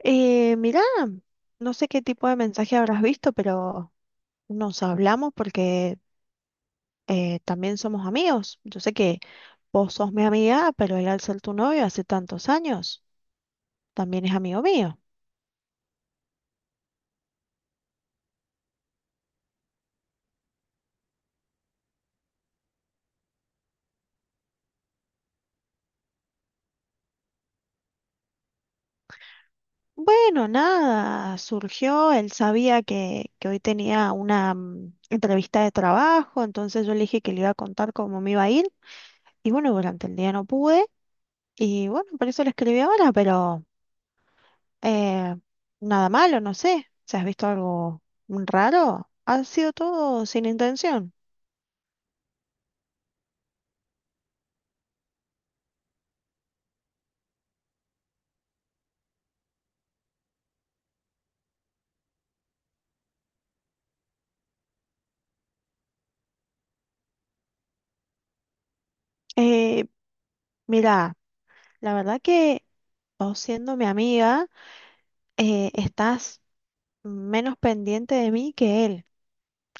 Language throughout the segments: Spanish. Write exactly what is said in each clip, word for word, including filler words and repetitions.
Eh, mirá, no sé qué tipo de mensaje habrás visto, pero nos hablamos porque eh, también somos amigos. Yo sé que vos sos mi amiga, pero él al ser tu novio hace tantos años, también es amigo mío. Bueno, nada, surgió, él sabía que, que hoy tenía una mm, entrevista de trabajo, entonces yo le dije que le iba a contar cómo me iba a ir y bueno, durante el día no pude y bueno, por eso le escribí ahora, pero... Eh, Nada malo, no sé. Si has visto algo raro, ha sido todo sin intención. Eh, Mira, la verdad que vos siendo mi amiga, eh, estás menos pendiente de mí que él.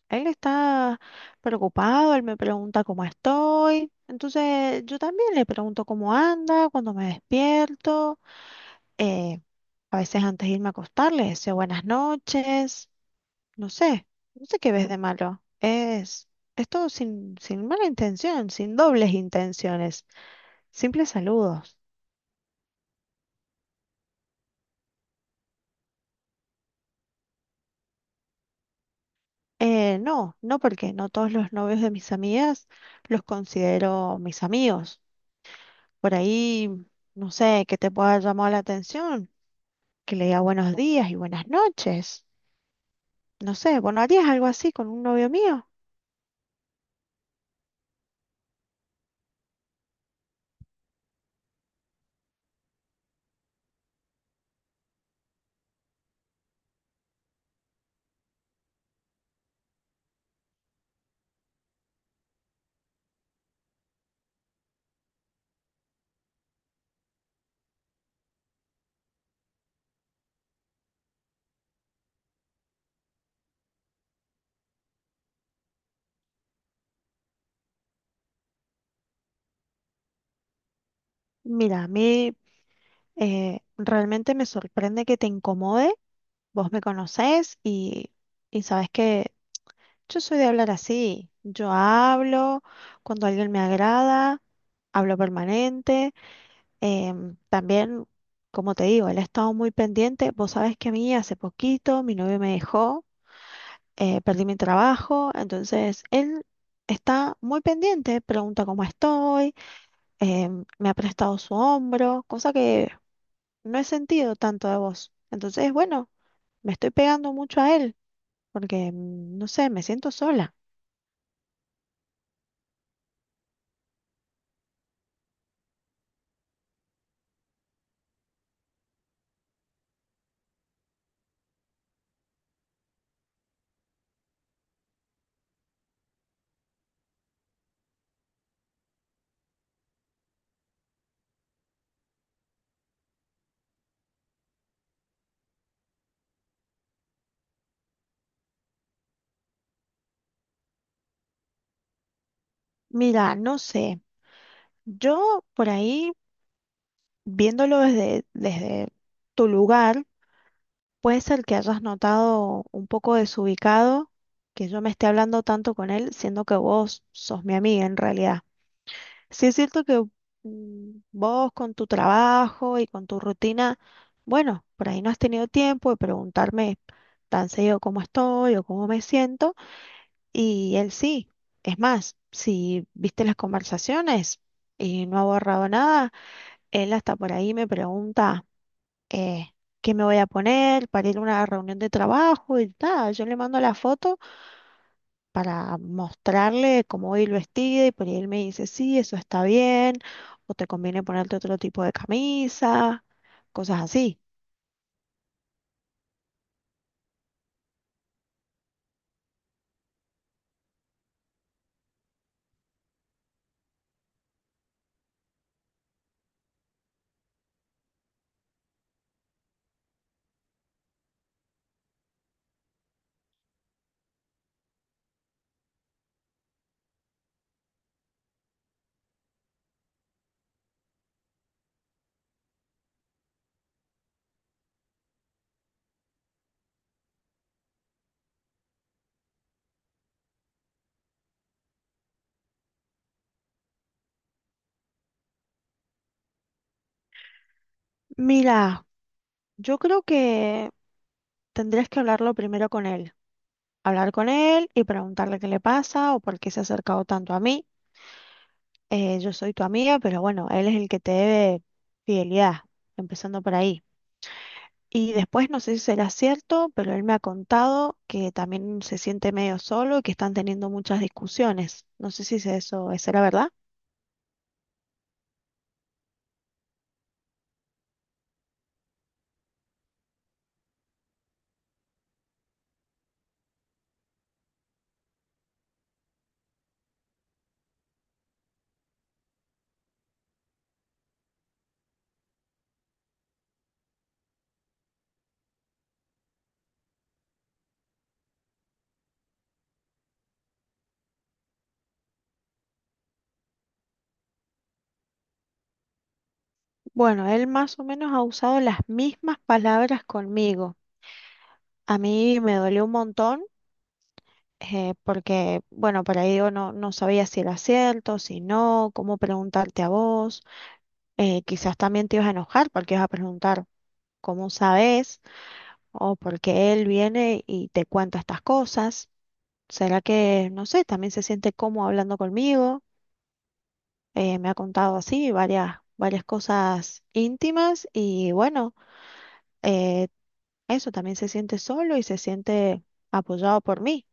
Él está preocupado, él me pregunta cómo estoy. Entonces yo también le pregunto cómo anda, cuando me despierto. eh, a veces antes de irme a acostar le deseo buenas noches. No sé, no sé qué ves de malo. Es, es todo sin, sin mala intención, sin dobles intenciones, simples saludos. Eh, no, no porque no todos los novios de mis amigas los considero mis amigos. Por ahí, no sé, que te pueda llamar la atención, que le diga buenos días y buenas noches. No sé, bueno, ¿harías algo así con un novio mío? Mira, a mí eh, realmente me sorprende que te incomode. Vos me conocés y... Y sabes que yo soy de hablar así. Yo hablo cuando alguien me agrada, hablo permanente. Em, también, como te digo, él ha estado muy pendiente. Vos sabés que a mí hace poquito mi novio me dejó, eh, perdí mi trabajo, entonces él está muy pendiente, pregunta cómo estoy, em, me ha prestado su hombro, cosa que no he sentido tanto de vos. Entonces, bueno, me estoy pegando mucho a él porque, mm, no sé, me siento sola. Mira, no sé. Yo por ahí, viéndolo desde, desde tu lugar, puede ser que hayas notado un poco desubicado que yo me esté hablando tanto con él, siendo que vos sos mi amiga en realidad. Sí es cierto que mm, vos con tu trabajo y con tu rutina, bueno, por ahí no has tenido tiempo de preguntarme tan seguido cómo estoy o cómo me siento, y él sí. Es más, si viste las conversaciones y no ha borrado nada. Él hasta por ahí me pregunta eh, qué me voy a poner para ir a una reunión de trabajo y tal. Yo le mando la foto para mostrarle cómo voy vestida y por ahí él me dice, sí, eso está bien, o te conviene ponerte otro tipo de camisa, cosas así. Mira, yo creo que tendrías que hablarlo primero con él. Hablar con él y preguntarle qué le pasa o por qué se ha acercado tanto a mí. Eh, yo soy tu amiga, pero bueno, él es el que te debe fidelidad, empezando por ahí. Y después no sé si será cierto, pero él me ha contado que también se siente medio solo y que están teniendo muchas discusiones. No sé si es eso es la verdad. Bueno, él más o menos ha usado las mismas palabras conmigo. A mí me dolió un montón eh, porque, bueno, por ahí digo, no, no sabía si era cierto, si no, cómo preguntarte a vos. Eh, quizás también te ibas a enojar porque ibas a preguntar cómo sabes o porque él viene y te cuenta estas cosas. ¿Será que, no sé, también se siente cómodo hablando conmigo? Eh, me ha contado así varias, varias cosas íntimas y bueno, eh, eso también se siente solo y se siente apoyado por mí.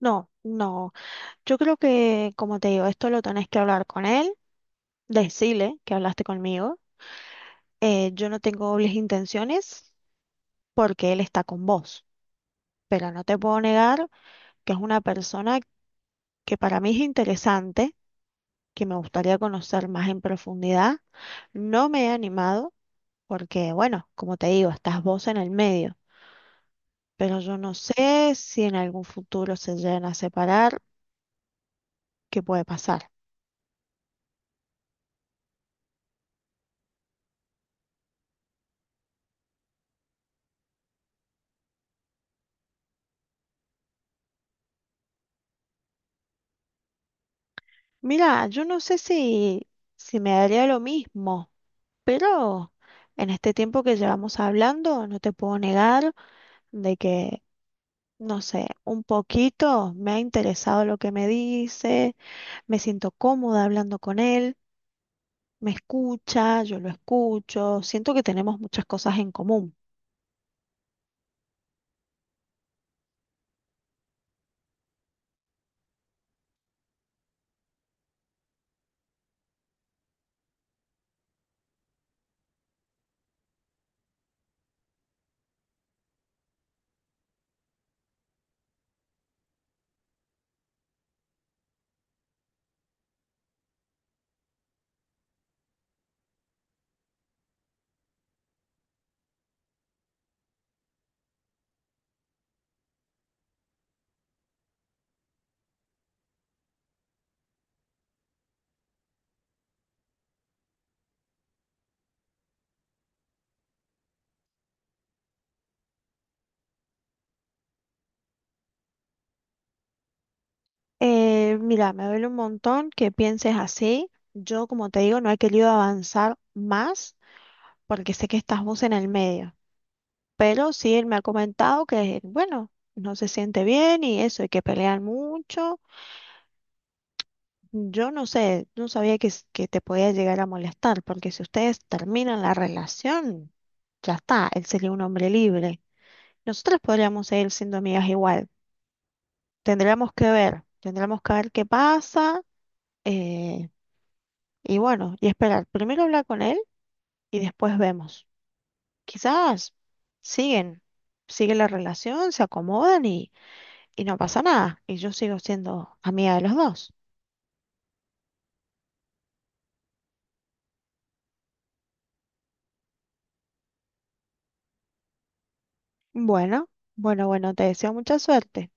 No, no. Yo creo que, como te digo, esto lo tenés que hablar con él, decirle que hablaste conmigo. Eh, yo no tengo dobles intenciones porque él está con vos, pero no te puedo negar que es una persona que para mí es interesante que me gustaría conocer más en profundidad. No me he animado porque, bueno, como te digo, estás vos en el medio, pero yo no sé si en algún futuro se llegan a separar, qué puede pasar. Mira, yo no sé si, si me daría lo mismo, pero en este tiempo que llevamos hablando, no te puedo negar de que, no sé, un poquito me ha interesado lo que me dice, me siento cómoda hablando con él. Me escucha, yo lo escucho, siento que tenemos muchas cosas en común. Eh, mira, me duele un montón que pienses así. Yo, como te digo, no he querido avanzar más porque sé que estás vos en el medio. Pero sí, él me ha comentado que, bueno, no se siente bien y eso, y que pelean mucho. Yo no sé, no sabía que, s- que te podía llegar a molestar, porque si ustedes terminan la relación, ya está, él sería un hombre libre. Nosotras podríamos seguir siendo amigas igual. Tendríamos que ver, tendríamos que ver qué pasa eh, y bueno, y esperar. Primero hablar con él y después vemos. Quizás siguen, sigue la relación, se acomodan y, y no pasa nada. Y yo sigo siendo amiga de los dos. Bueno, bueno, bueno, te deseo mucha suerte.